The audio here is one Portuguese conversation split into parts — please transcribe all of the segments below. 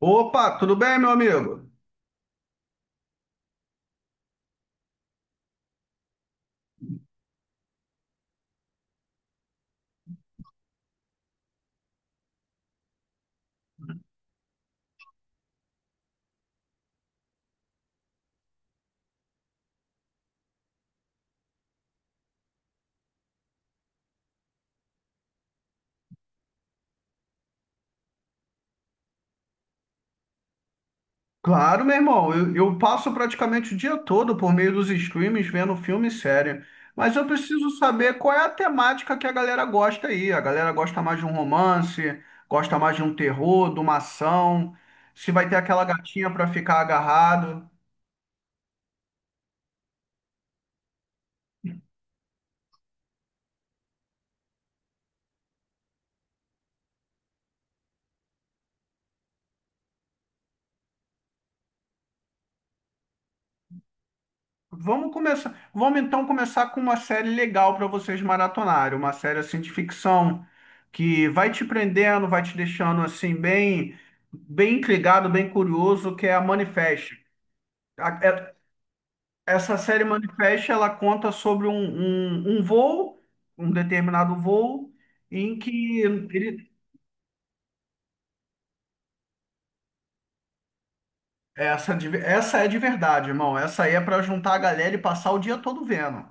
Opa, tudo bem, meu amigo? Claro, meu irmão, eu passo praticamente o dia todo por meio dos streams vendo filme e série, mas eu preciso saber qual é a temática que a galera gosta aí. A galera gosta mais de um romance, gosta mais de um terror, de uma ação, se vai ter aquela gatinha para ficar agarrado. Vamos começar, vamos então começar com uma série legal para vocês maratonarem, uma série assim de ficção que vai te prendendo, vai te deixando assim bem bem intrigado, bem curioso, que é a Manifest. A- é- Essa série Manifest, ela conta sobre um voo, um determinado voo, em que ele, essa, essa é de verdade, irmão. Essa aí é para juntar a galera e passar o dia todo vendo.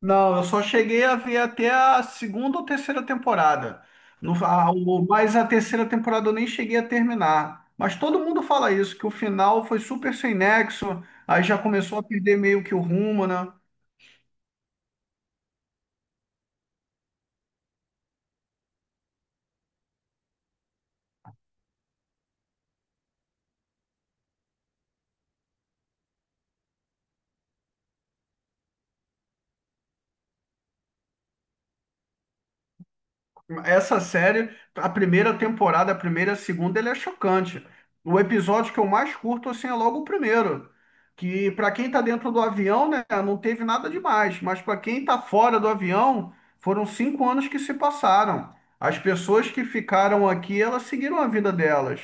Não, eu só cheguei a ver até a segunda ou terceira temporada. No, a, o, Mas a terceira temporada eu nem cheguei a terminar. Mas todo mundo fala isso, que o final foi super sem nexo, aí já começou a perder meio que o rumo, né? Essa série, a primeira temporada, a primeira e a segunda, ele é chocante. O episódio que eu mais curto, assim, é logo o primeiro. Que para quem tá dentro do avião, né, não teve nada demais. Mas para quem tá fora do avião, foram 5 anos que se passaram. As pessoas que ficaram aqui, elas seguiram a vida delas.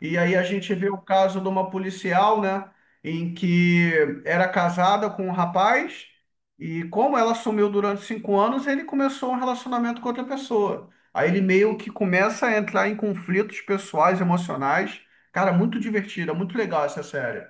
E aí a gente vê o caso de uma policial, né, em que era casada com um rapaz. E como ela sumiu durante 5 anos, ele começou um relacionamento com outra pessoa. Aí ele meio que começa a entrar em conflitos pessoais, emocionais. Cara, muito divertida, muito legal essa série.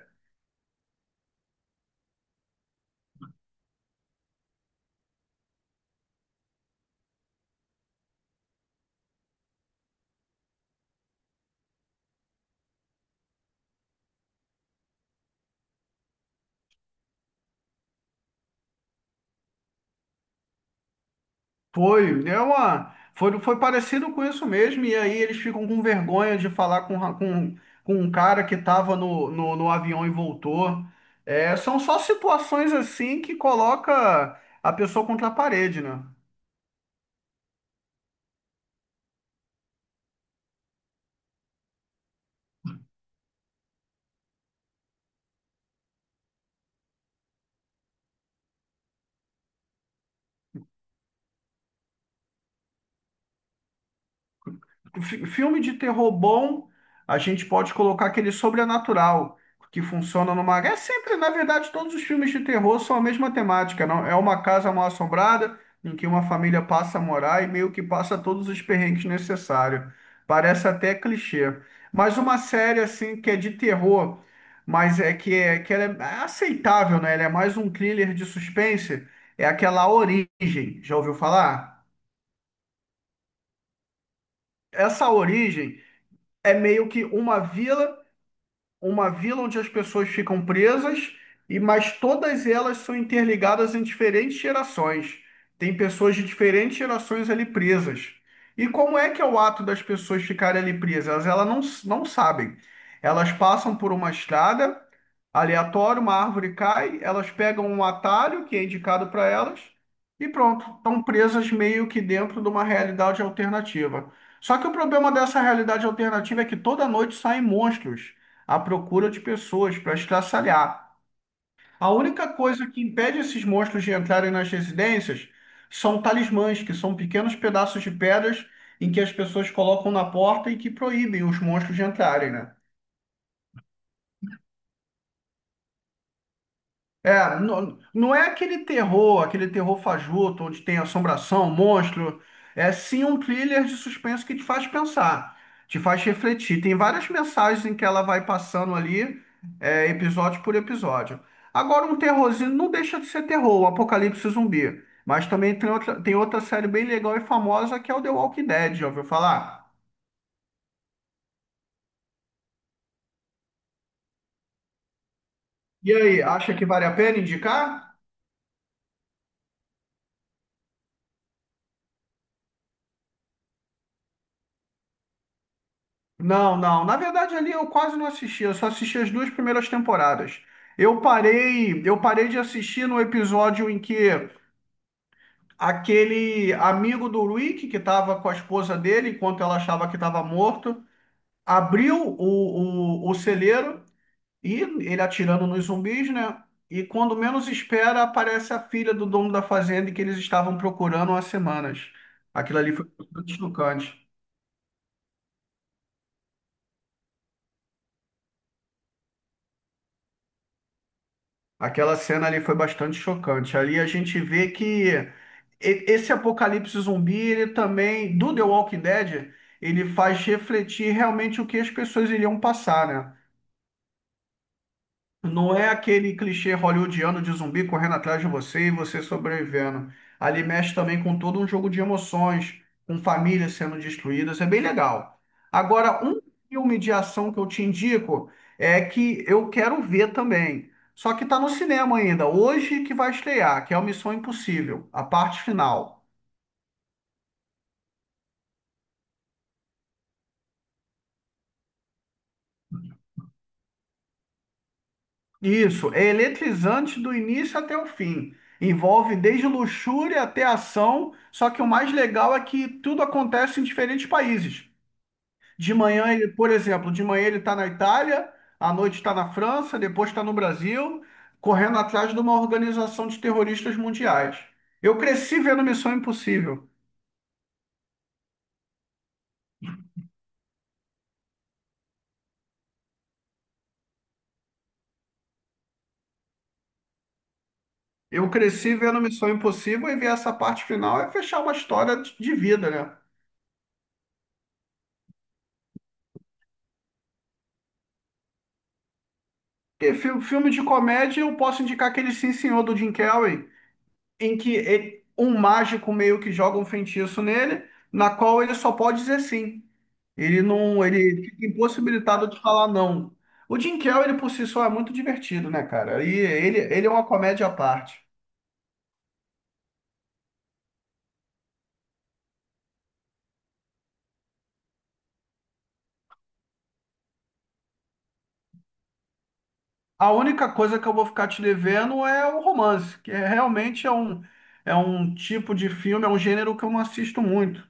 Foi, foi, foi parecido com isso mesmo. E aí eles ficam com vergonha de falar com um cara que estava no avião e voltou. É, são só situações assim que coloca a pessoa contra a parede, né? Filme de terror bom, a gente pode colocar aquele sobrenatural, que funciona numa. É sempre, na verdade, todos os filmes de terror são a mesma temática, não? É uma casa mal assombrada em que uma família passa a morar e meio que passa todos os perrengues necessários. Parece até clichê. Mas uma série assim que é de terror, mas é que ela é aceitável, né? Ela é mais um thriller de suspense, é aquela Origem. Já ouviu falar? Essa Origem é meio que uma vila onde as pessoas ficam presas e mas todas elas são interligadas em diferentes gerações. Tem pessoas de diferentes gerações ali presas. E como é que é o ato das pessoas ficarem ali presas? Elas não, não sabem. Elas passam por uma estrada aleatória, uma árvore cai, elas pegam um atalho que é indicado para elas e pronto, estão presas meio que dentro de uma realidade alternativa. Só que o problema dessa realidade alternativa é que toda noite saem monstros à procura de pessoas para estraçalhar. A única coisa que impede esses monstros de entrarem nas residências são talismãs, que são pequenos pedaços de pedras em que as pessoas colocam na porta e que proíbem os monstros de entrarem, né? É, não, não é aquele terror fajuto, onde tem assombração, monstro. É sim um thriller de suspense que te faz pensar, te faz refletir. Tem várias mensagens em que ela vai passando ali, episódio por episódio. Agora, um terrorzinho não deixa de ser terror, o Apocalipse Zumbi. Mas também tem outra série bem legal e famosa que é o The Walking Dead, já ouviu falar? E aí, acha que vale a pena indicar? Não, não. Na verdade, ali eu quase não assisti. Eu só assisti as duas primeiras temporadas. Eu parei de assistir no episódio em que aquele amigo do Rick, que estava com a esposa dele, enquanto ela achava que estava morto, abriu o celeiro e ele atirando nos zumbis, né? E quando menos espera, aparece a filha do dono da fazenda que eles estavam procurando há semanas. Aquilo ali foi bastante chocante. Aquela cena ali foi bastante chocante. Ali a gente vê que esse apocalipse zumbi, ele também, do The Walking Dead, ele faz refletir realmente o que as pessoas iriam passar, né? Não é aquele clichê hollywoodiano de zumbi correndo atrás de você e você sobrevivendo. Ali mexe também com todo um jogo de emoções, com famílias sendo destruídas, é bem legal. Agora, um filme de ação que eu te indico é que eu quero ver também. Só que está no cinema ainda, hoje que vai estrear, que é o Missão Impossível, a parte final. Isso, é eletrizante do início até o fim. Envolve desde luxúria até ação, só que o mais legal é que tudo acontece em diferentes países. De manhã ele está na Itália, à noite está na França, depois está no Brasil, correndo atrás de uma organização de terroristas mundiais. Eu cresci vendo Missão Impossível. Eu cresci vendo Missão Impossível e ver essa parte final é fechar uma história de vida, né? E filme de comédia, eu posso indicar aquele Sim Senhor do Jim Carrey, em que um mágico meio que joga um feitiço nele, na qual ele só pode dizer sim. Ele não, ele fica impossibilitado de falar não. O Jim Carrey, ele por si só é muito divertido, né, cara? E ele é uma comédia à parte. A única coisa que eu vou ficar te devendo é o romance, realmente é um tipo de filme, é um gênero que eu não assisto muito.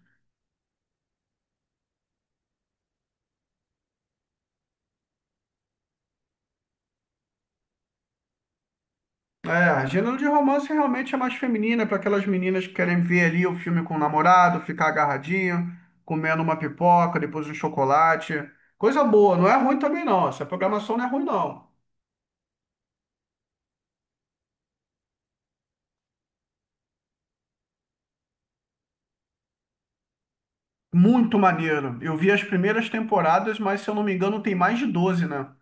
É, gênero de romance realmente é mais feminina, para aquelas meninas que querem ver ali o filme com o namorado, ficar agarradinho, comendo uma pipoca, depois um chocolate. Coisa boa, não é ruim também não. Essa programação não é ruim não. Muito maneiro. Eu vi as primeiras temporadas, mas se eu não me engano tem mais de 12, né?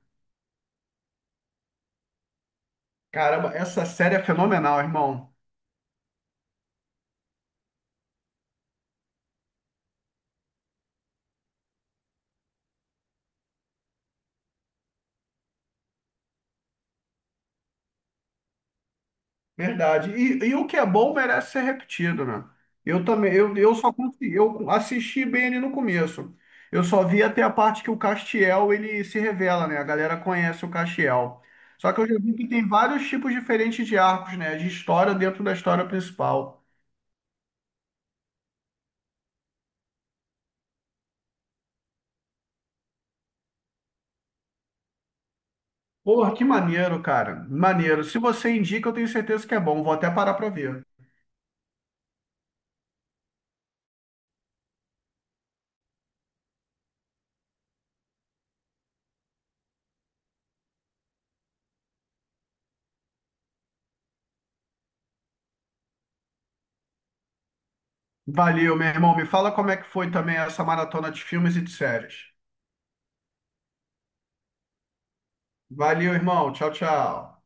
Caramba, essa série é fenomenal, irmão. Verdade. E o que é bom merece ser repetido, né? Eu também, eu só consegui, eu assisti bem ali no começo. Eu só vi até a parte que o Castiel ele se revela, né? A galera conhece o Castiel. Só que eu já vi que tem vários tipos diferentes de arcos, né? De história dentro da história principal. Porra, que maneiro, cara. Maneiro. Se você indica, eu tenho certeza que é bom. Vou até parar pra ver. Valeu, meu irmão. Me fala como é que foi também essa maratona de filmes e de séries. Valeu, irmão. Tchau, tchau.